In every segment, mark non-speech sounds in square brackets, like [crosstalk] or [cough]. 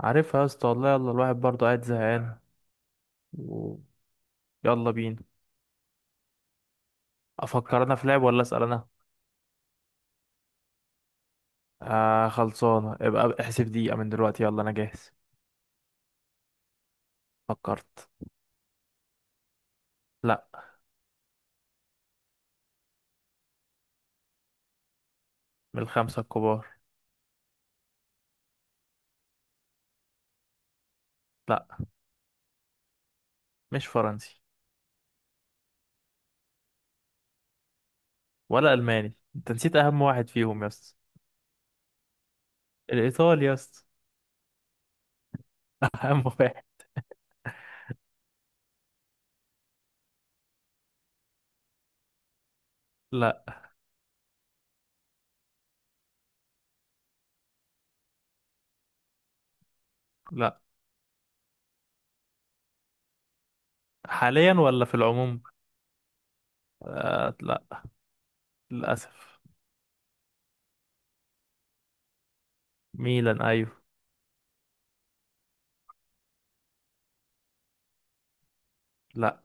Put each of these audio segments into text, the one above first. عارفها يا اسطى، والله يلا الواحد برضه قاعد زهقان. و- يلا بينا. افكر انا في لعب ولا اسال انا؟ آه خلصانه، ابقى احسب دقيقه من دلوقتي، يلا انا جاهز. فكرت. لا. من الخمسه الكبار. لا، مش فرنسي. ولا الماني، انت نسيت اهم واحد فيهم يا اسطى. الايطالي يا اسطى. [laughs] اهم واحد. لا. لا. حاليا ولا في العموم؟ آه لا، للاسف. ميلان ايوه. لا.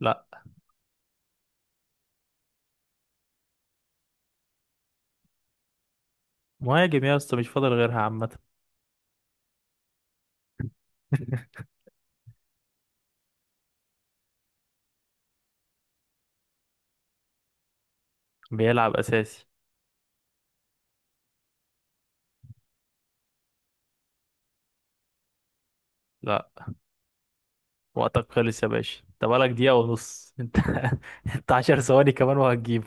لا. مهاجم يا اسطى، مش فاضل غيرها عامه. [laughs] بيلعب اساسي. لا. وقتك خلص يا باشا، انت بقالك دقيقة ونص انت. [laughs] انت عشر ثواني كمان وهتجيبه.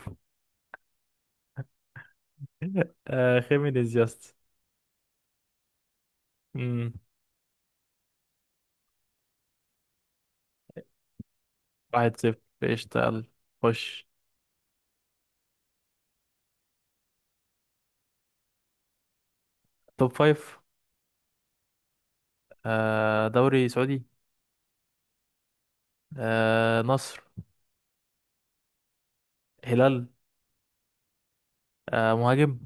آه خيمينيز يا اسطى. امم. واحد صفر قشطة، يلا. خش. توب فايف. آه دوري سعودي. آه نصر. هلال. آه مهاجم.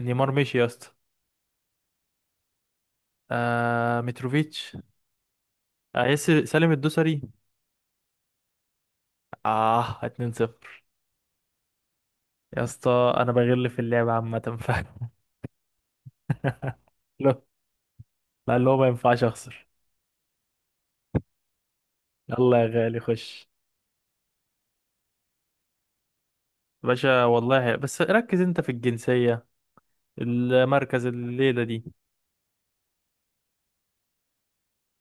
نيمار مشي يا اسطى. آه متروفيتش. آه ياسر سالم الدوسري. اه 2-0. يا اسطى انا بغل في اللعبة عامة، ف [laughs] لا. لا، اللي هو ما ينفعش اخسر. يلا يا غالي خش. باشا والله، بس ركز انت في الجنسية، المركز الليلة دي.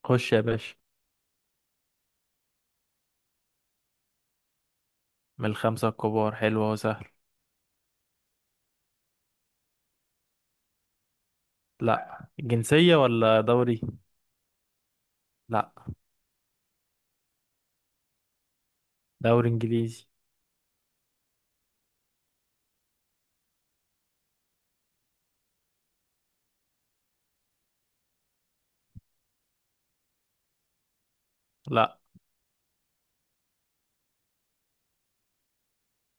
خش يا باشا. من الخمسة الكبار، حلوة وسهل. لا، جنسية ولا دوري؟ لا. دوري انجليزي. لا.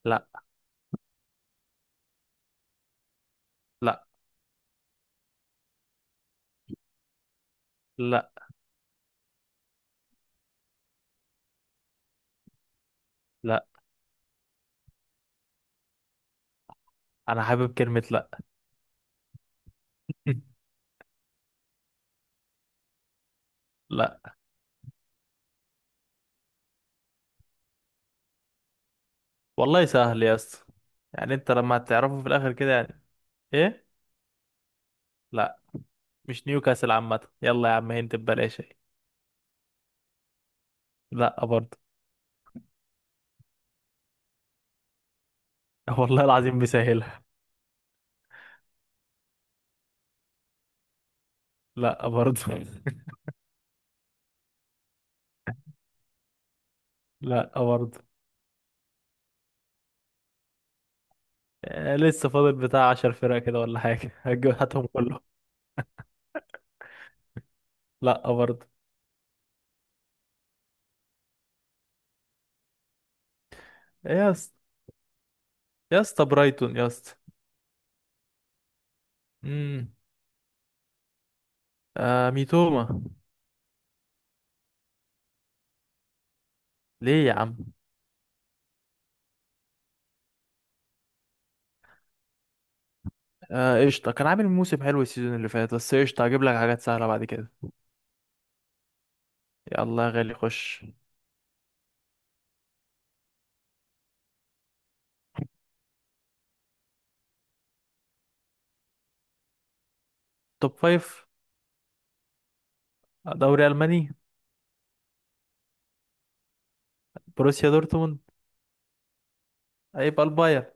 لا. لا. لا. لا. انا حابب كلمة لا. [laughs] لا. والله سهل يا اسطى، يعني انت لما هتعرفه في الاخر كده يعني. ايه. لا، مش نيوكاسل عامة، يلا يا عم هنت ببلاش اهي. لا برضه. [laughs] والله العظيم بيسهلها. لا برضه. [laughs] لا برضه. آه، لسه فاضل بتاع عشر فرق كده ولا حاجة؟ [laughs] هتجيب هاتهم كله. لأ برضه. إيه يا اسطى؟ يا اسطى برايتون يا اسطى. امم. آه ميتوما. ليه يا عم؟ آه قشطة، كان عامل موسم حلو السيزون اللي فات، بس قشطة هجيب لك حاجات سهلة بعد كده. يلا يا غالي خش. توب فايف. دوري ألماني. بروسيا دورتموند. هيبقى الباير.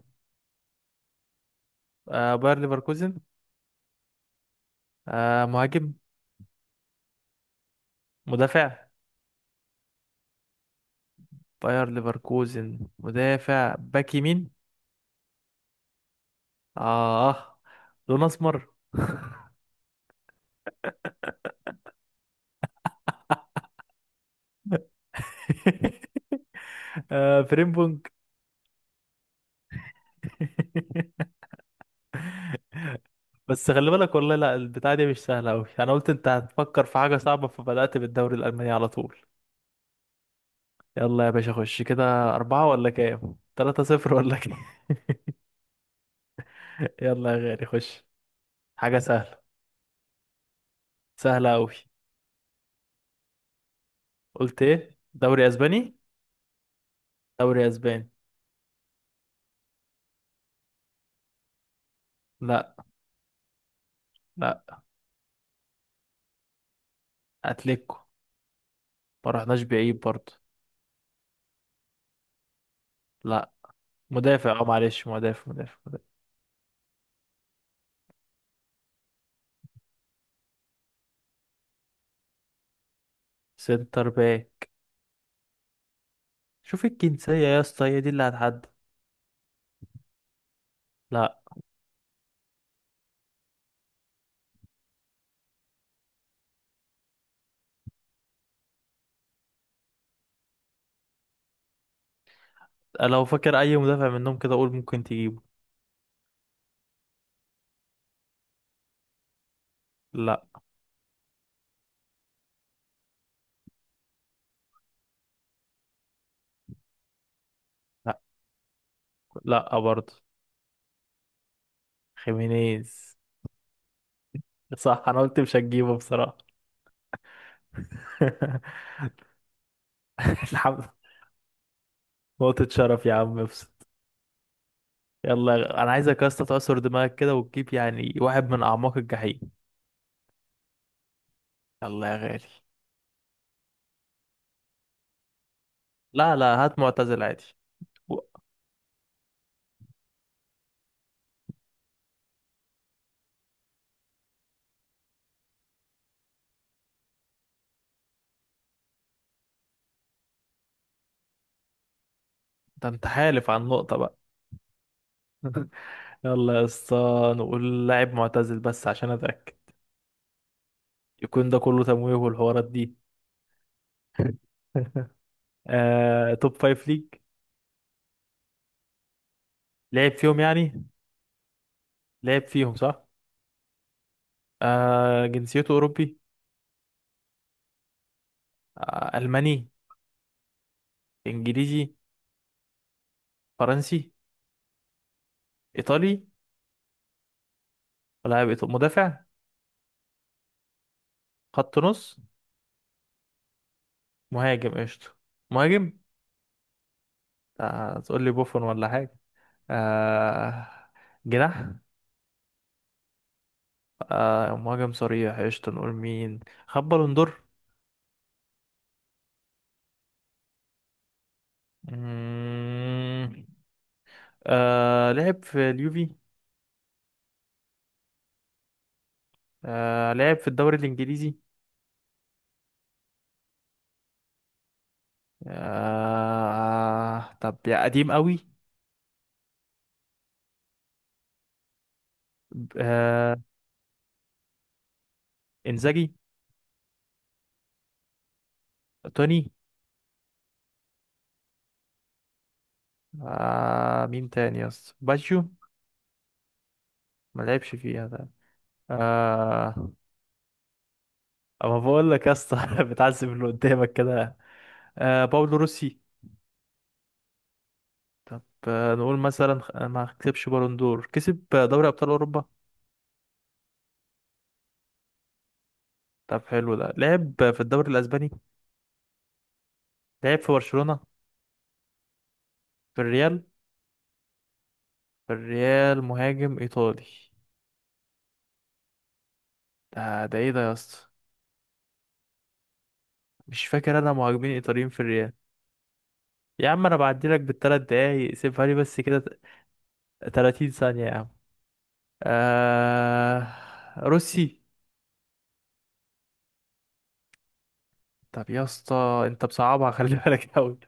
آه باير ليفركوزن. آه مهاجم. مدافع. باير ليفركوزن مدافع باك يمين. اه. لون اسمر. [laughs] آه فريم بونج. [laughs] بس خلي بالك والله، لا البتاعة دي مش سهلة أوي. أنا قلت أنت هتفكر في حاجة صعبة فبدأت بالدوري الألماني على طول. يلا يا باشا خش كده، أربعة ولا كام؟ تلاتة صفر ولا كام؟ [laughs] يلا يا غالي خش. حاجة سهلة. سهلة أوي. قلت إيه؟ دوري أسباني؟ دوري أسباني. لا. لا. أتليكو. ما رحناش بعيد برضه. لا. مدافع أه، معلش، مدافع مدافع مدافع. سنتر باك. شوف الجنسية يا اسطى، هي دي اللي هتحدد. لا. لو فاكر اي مدافع منهم كده اقول، ممكن تجيبه. لا. لا. لا برضه. خيمينيز. صح، انا قلت مش هتجيبه بصراحة. [laughs] الحمد. نقطة شرف يا عم، ابسط. انا عايزك يا اسطى تعصر دماغك كده وتجيب يعني واحد من اعماق الجحيم. يلا يا غالي. لا لا، هات معتزل عادي. و- ده انت حالف عن نقطة بقى. [laughs] يلا يا اسطى، نقول لاعب معتزل بس عشان اتاكد يكون ده كله تمويه والحوارات دي. [laughs] آه، توب فايف ليج. لعب فيهم يعني. لعب فيهم صح. آه جنسيته أوروبي. آه ألماني. إنجليزي. فرنسي. إيطالي. مدافع. خط نص. مهاجم قشطة. مهاجم. آه تقول لي بوفون ولا حاجة. آه جناح. آه مهاجم صريح قشطة، نقول مين. خد بالون دور. مم، آه لعب في اليوفي. آه لعب في الدوري الإنجليزي. آه طب يا قديم قوي. آه إنزاجي. توني. آه مين تاني يا اسطى، باجيو؟ ما لعبش فيها ده. آه اما بقول لك يا اسطى [laughs] بتعذب اللي قدامك كده. آه باولو روسي. طب. آه نقول مثلا ما كسبش بالون دور، كسب دوري ابطال اوروبا. طب حلو، ده لعب في الدوري الاسباني. لعب في برشلونة. في الريال. في الريال مهاجم ايطالي، ده ده ايه ده يا اسطى؟ مش فاكر انا مهاجمين ايطاليين في الريال. يا عم انا بعدي لك بالثلاث دقايق، سيبها لي بس كده. 30 ثانية يا عم. آه، روسي. طب يا اسطى انت بصعبها، خلي بالك قوي.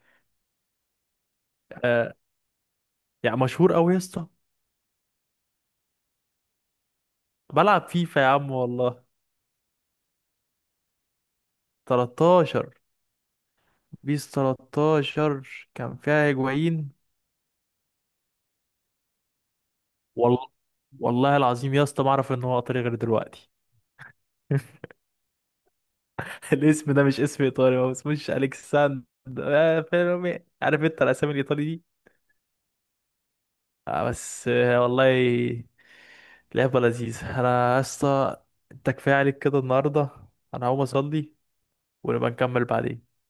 آه، يعني مشهور قوي يا اسطى. بلعب فيفا يا عم والله. 13. بيس 13 كان فيها هيجوين. والله. والله العظيم يا اسطى ما اعرف ان هو ايطالي غير دلوقتي. [laughs] الاسم ده مش اسم ايطالي، هو اسمهش الكساندر. آه، فيرمي، عارف انت الاسامي الايطالي دي. آه بس، آه والله. لعبه لذيذه انا يا اسطى. انت كفايه عليك كده النهارده، انا هقوم اصلي ونبقى نكمل بعدين.